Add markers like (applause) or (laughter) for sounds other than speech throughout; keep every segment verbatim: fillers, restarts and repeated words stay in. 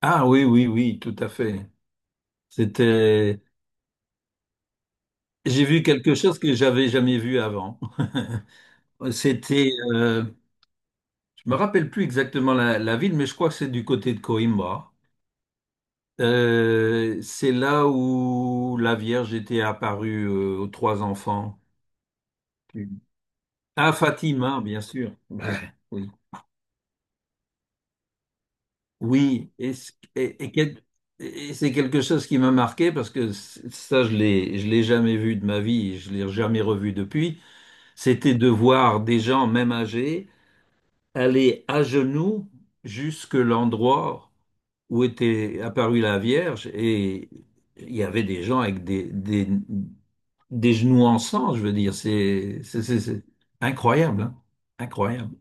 Ah oui, oui, oui, tout à fait. C'était, j'ai vu quelque chose que j'avais jamais vu avant. (laughs) C'était, euh, je me rappelle plus exactement la, la ville, mais je crois que c'est du côté de Coimbra. Euh, c'est là où la Vierge était apparue euh, aux trois enfants. Ah, Fatima, bien sûr. Ouais, oui. Oui, et, c- et- et quel- et c'est quelque chose qui m'a marqué parce que c- ça, je l'ai, je l'ai jamais vu de ma vie, je l'ai jamais revu depuis. C'était de voir des gens, même âgés, aller à genoux jusque l'endroit où était apparue la Vierge, et il y avait des gens avec des, des, des genoux en sang, je veux dire. C'est c'est- c'est- c'est incroyable, hein. Incroyable.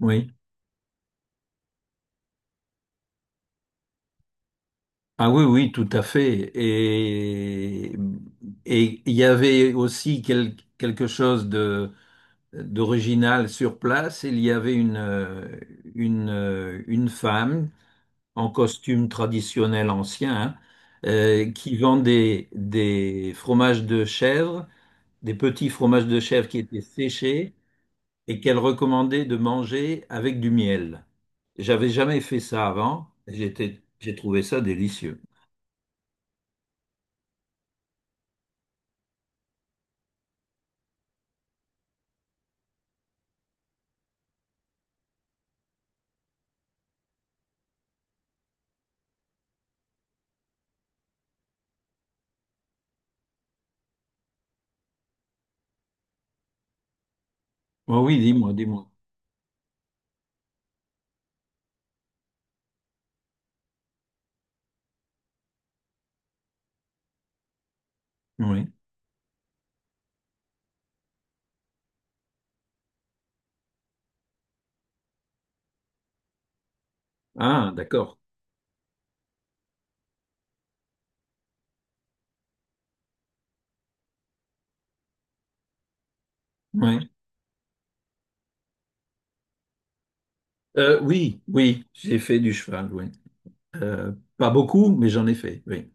Oui. Ah oui, oui, tout à fait. Et, et il y avait aussi quel- quelque chose de, d'original sur place. Il y avait une, euh, une, euh, une femme en costume traditionnel ancien, hein, euh, qui vendait des fromages de chèvre, des petits fromages de chèvre qui étaient séchés et qu'elle recommandait de manger avec du miel. J'avais jamais fait ça avant. J'étais, j'ai trouvé ça délicieux. Oh oui, dis-moi, dis-moi. Oui. Ah, d'accord. Oui. Euh, oui, oui, j'ai fait du cheval, oui. Euh, Pas beaucoup, mais j'en ai fait, oui.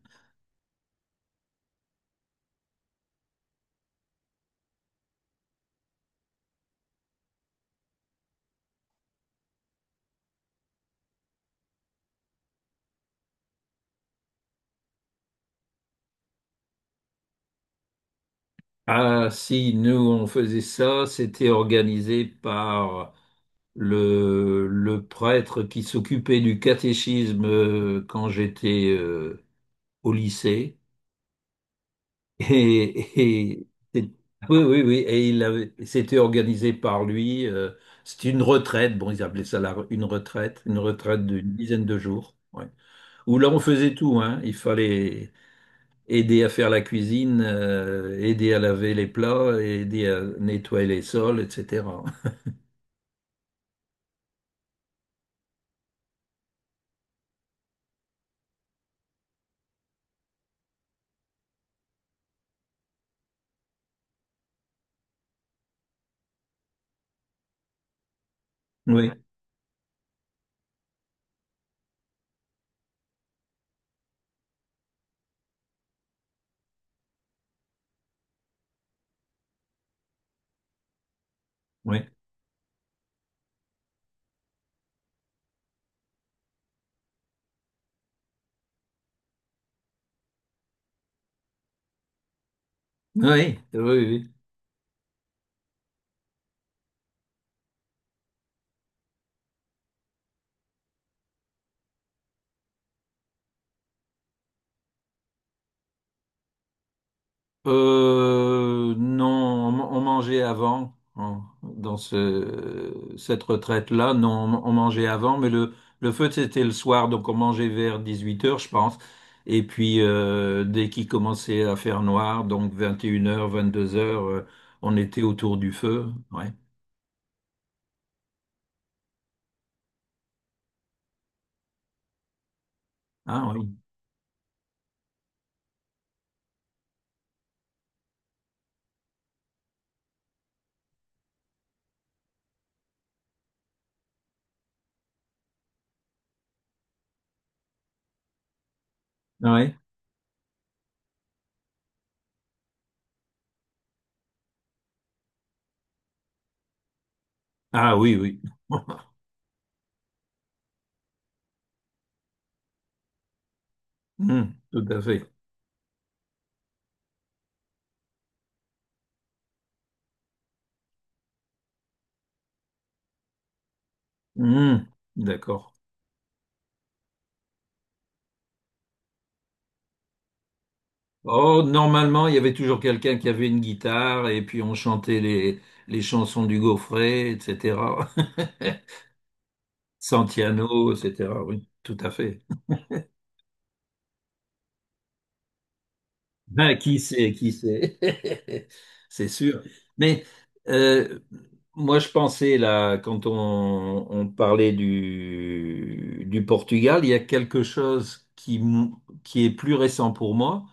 Ah, si, nous, on faisait ça, c'était organisé par le, le prêtre qui s'occupait du catéchisme euh, quand j'étais euh, au lycée. (laughs) Et, et- et- oui, oui, oui, et il avait, c'était organisé par lui. Euh, c'était une retraite, bon, ils appelaient ça la- une retraite, une retraite d'une dizaine de jours. Ouais. Où là, on faisait tout, hein. Il fallait aider à faire la cuisine, euh, aider à laver les plats, aider à nettoyer les sols, et cætera (laughs) Oui, oui, oui, oui, oui. Euh, non, on ma- on mangeait avant, hein, dans ce, cette retraite-là. Non, on on mangeait avant, mais le, le feu, c'était le soir, donc on mangeait vers dix-huit heures, je pense. Et puis, euh, dès qu'il commençait à faire noir, donc vingt et une heures, vingt-deux heures, vingt-deux heures, euh, on était autour du feu. Ouais. Ah oui. Ah ouais. Ah oui, oui. (laughs) Hmm, tout à fait. Hmm, d'accord. Oh, normalement, il y avait toujours quelqu'un qui avait une guitare et puis on chantait les, les chansons du Gaufret, et cætera (laughs) Santiano, et cætera. Oui, tout à fait. Ben qui sait, qui sait. (laughs) C'est sûr. Mais euh, moi, je pensais, là, quand on, on parlait du, du Portugal, il y a quelque chose qui, m- qui est plus récent pour moi,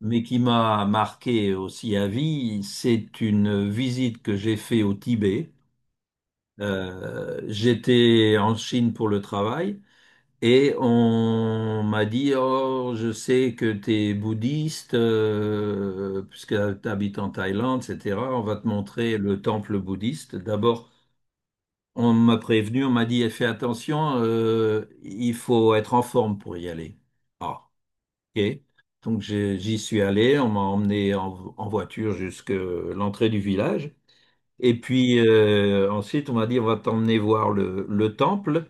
mais qui m'a marqué aussi à vie. C'est une visite que j'ai faite au Tibet. Euh, j'étais en Chine pour le travail. Et on m'a dit, oh, je sais que tu es bouddhiste, euh, puisque tu habites en Thaïlande, et cætera. On va te montrer le temple bouddhiste. D'abord, on m'a prévenu, on m'a dit, eh, fais attention, euh, il faut être en forme pour y aller. Ah, ok. Donc j'ai- j'y suis allé, on m'a emmené en, en voiture jusqu'à l'entrée du village. Et puis euh, ensuite, on m'a dit, on va t'emmener voir le le temple,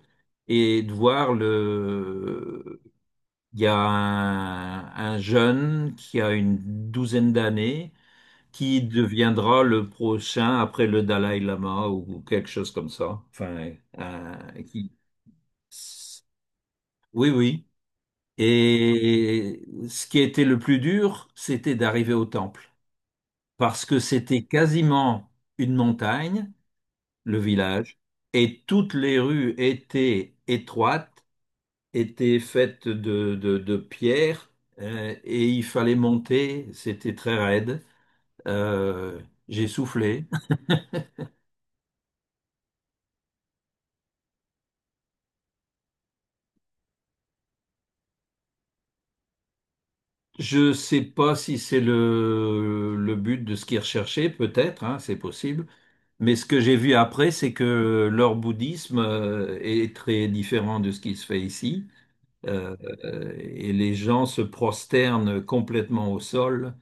et de voir le, il y a un, un jeune qui a une douzaine d'années qui deviendra le prochain après le Dalai Lama ou quelque chose comme ça. Enfin, un- qui... Oui, oui. Et ce qui était le plus dur, c'était d'arriver au temple parce que c'était quasiment une montagne, le village, et toutes les rues étaient étroites, était faite de, de, de pierre, euh, et il fallait monter, c'était très raide. Euh, j'ai soufflé. Je sais pas si c'est le, le but de ce qu'ils recherchaient, peut-être, hein, c'est possible. Mais ce que j'ai vu après, c'est que leur bouddhisme euh, est très différent de ce qui se fait ici. Euh, euh, et les gens se prosternent complètement au sol,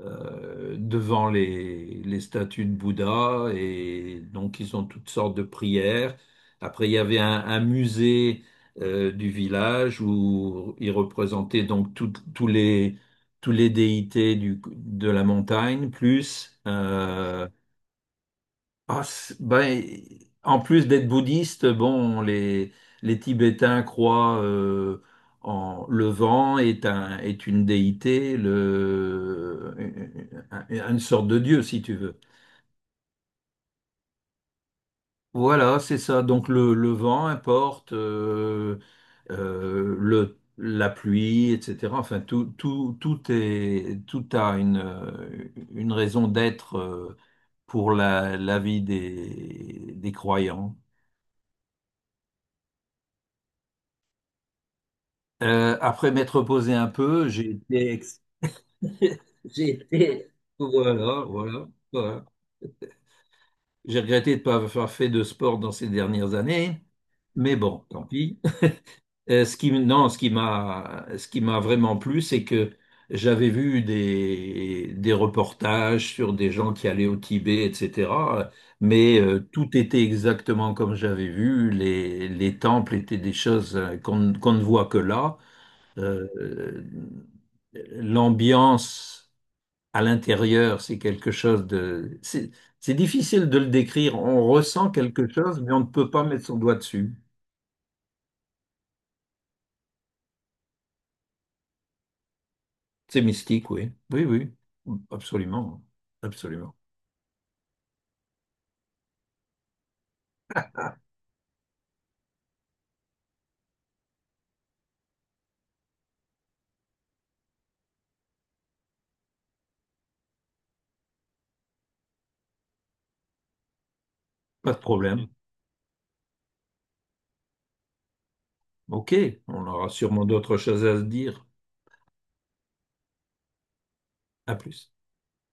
euh, devant les, les statues de Bouddha, et donc ils ont toutes sortes de prières. Après, il y avait un, un musée, euh, du village où ils représentaient donc toutes- tous les tous les déités du- de la montagne, plus euh, ah, c'est- ben, en plus d'être bouddhiste, bon, les, les Tibétains croient euh, en, le vent est un, est une déité, le, un- une sorte de dieu, si tu veux. Voilà, c'est ça. Donc le, le vent importe, euh, euh, le, la pluie, et cætera. Enfin, tout, tout, tout est, tout a une, euh, une raison d'être, euh, pour la, la vie des, des croyants. Euh, après m'être reposé un peu, j'ai été, ex- (laughs) j'ai été, voilà, voilà, voilà. J'ai regretté de ne pas avoir fait de sport dans ces dernières années, mais bon, tant pis. Euh, ce qui, m- non, ce qui m'a, ce qui m'a vraiment plu, c'est que j'avais vu des, des reportages sur des gens qui allaient au Tibet, et cætera. Mais euh, tout était exactement comme j'avais vu. Les, les temples étaient des choses, euh, qu'on qu'on ne voit que là. Euh, L'ambiance à l'intérieur, c'est quelque chose de... C'est c'est difficile de le décrire. On ressent quelque chose, mais on ne peut pas mettre son doigt dessus. C'est mystique, oui. Oui, oui. Absolument. Absolument. Pas de problème. OK. On aura sûrement d'autres choses à se dire. À plus.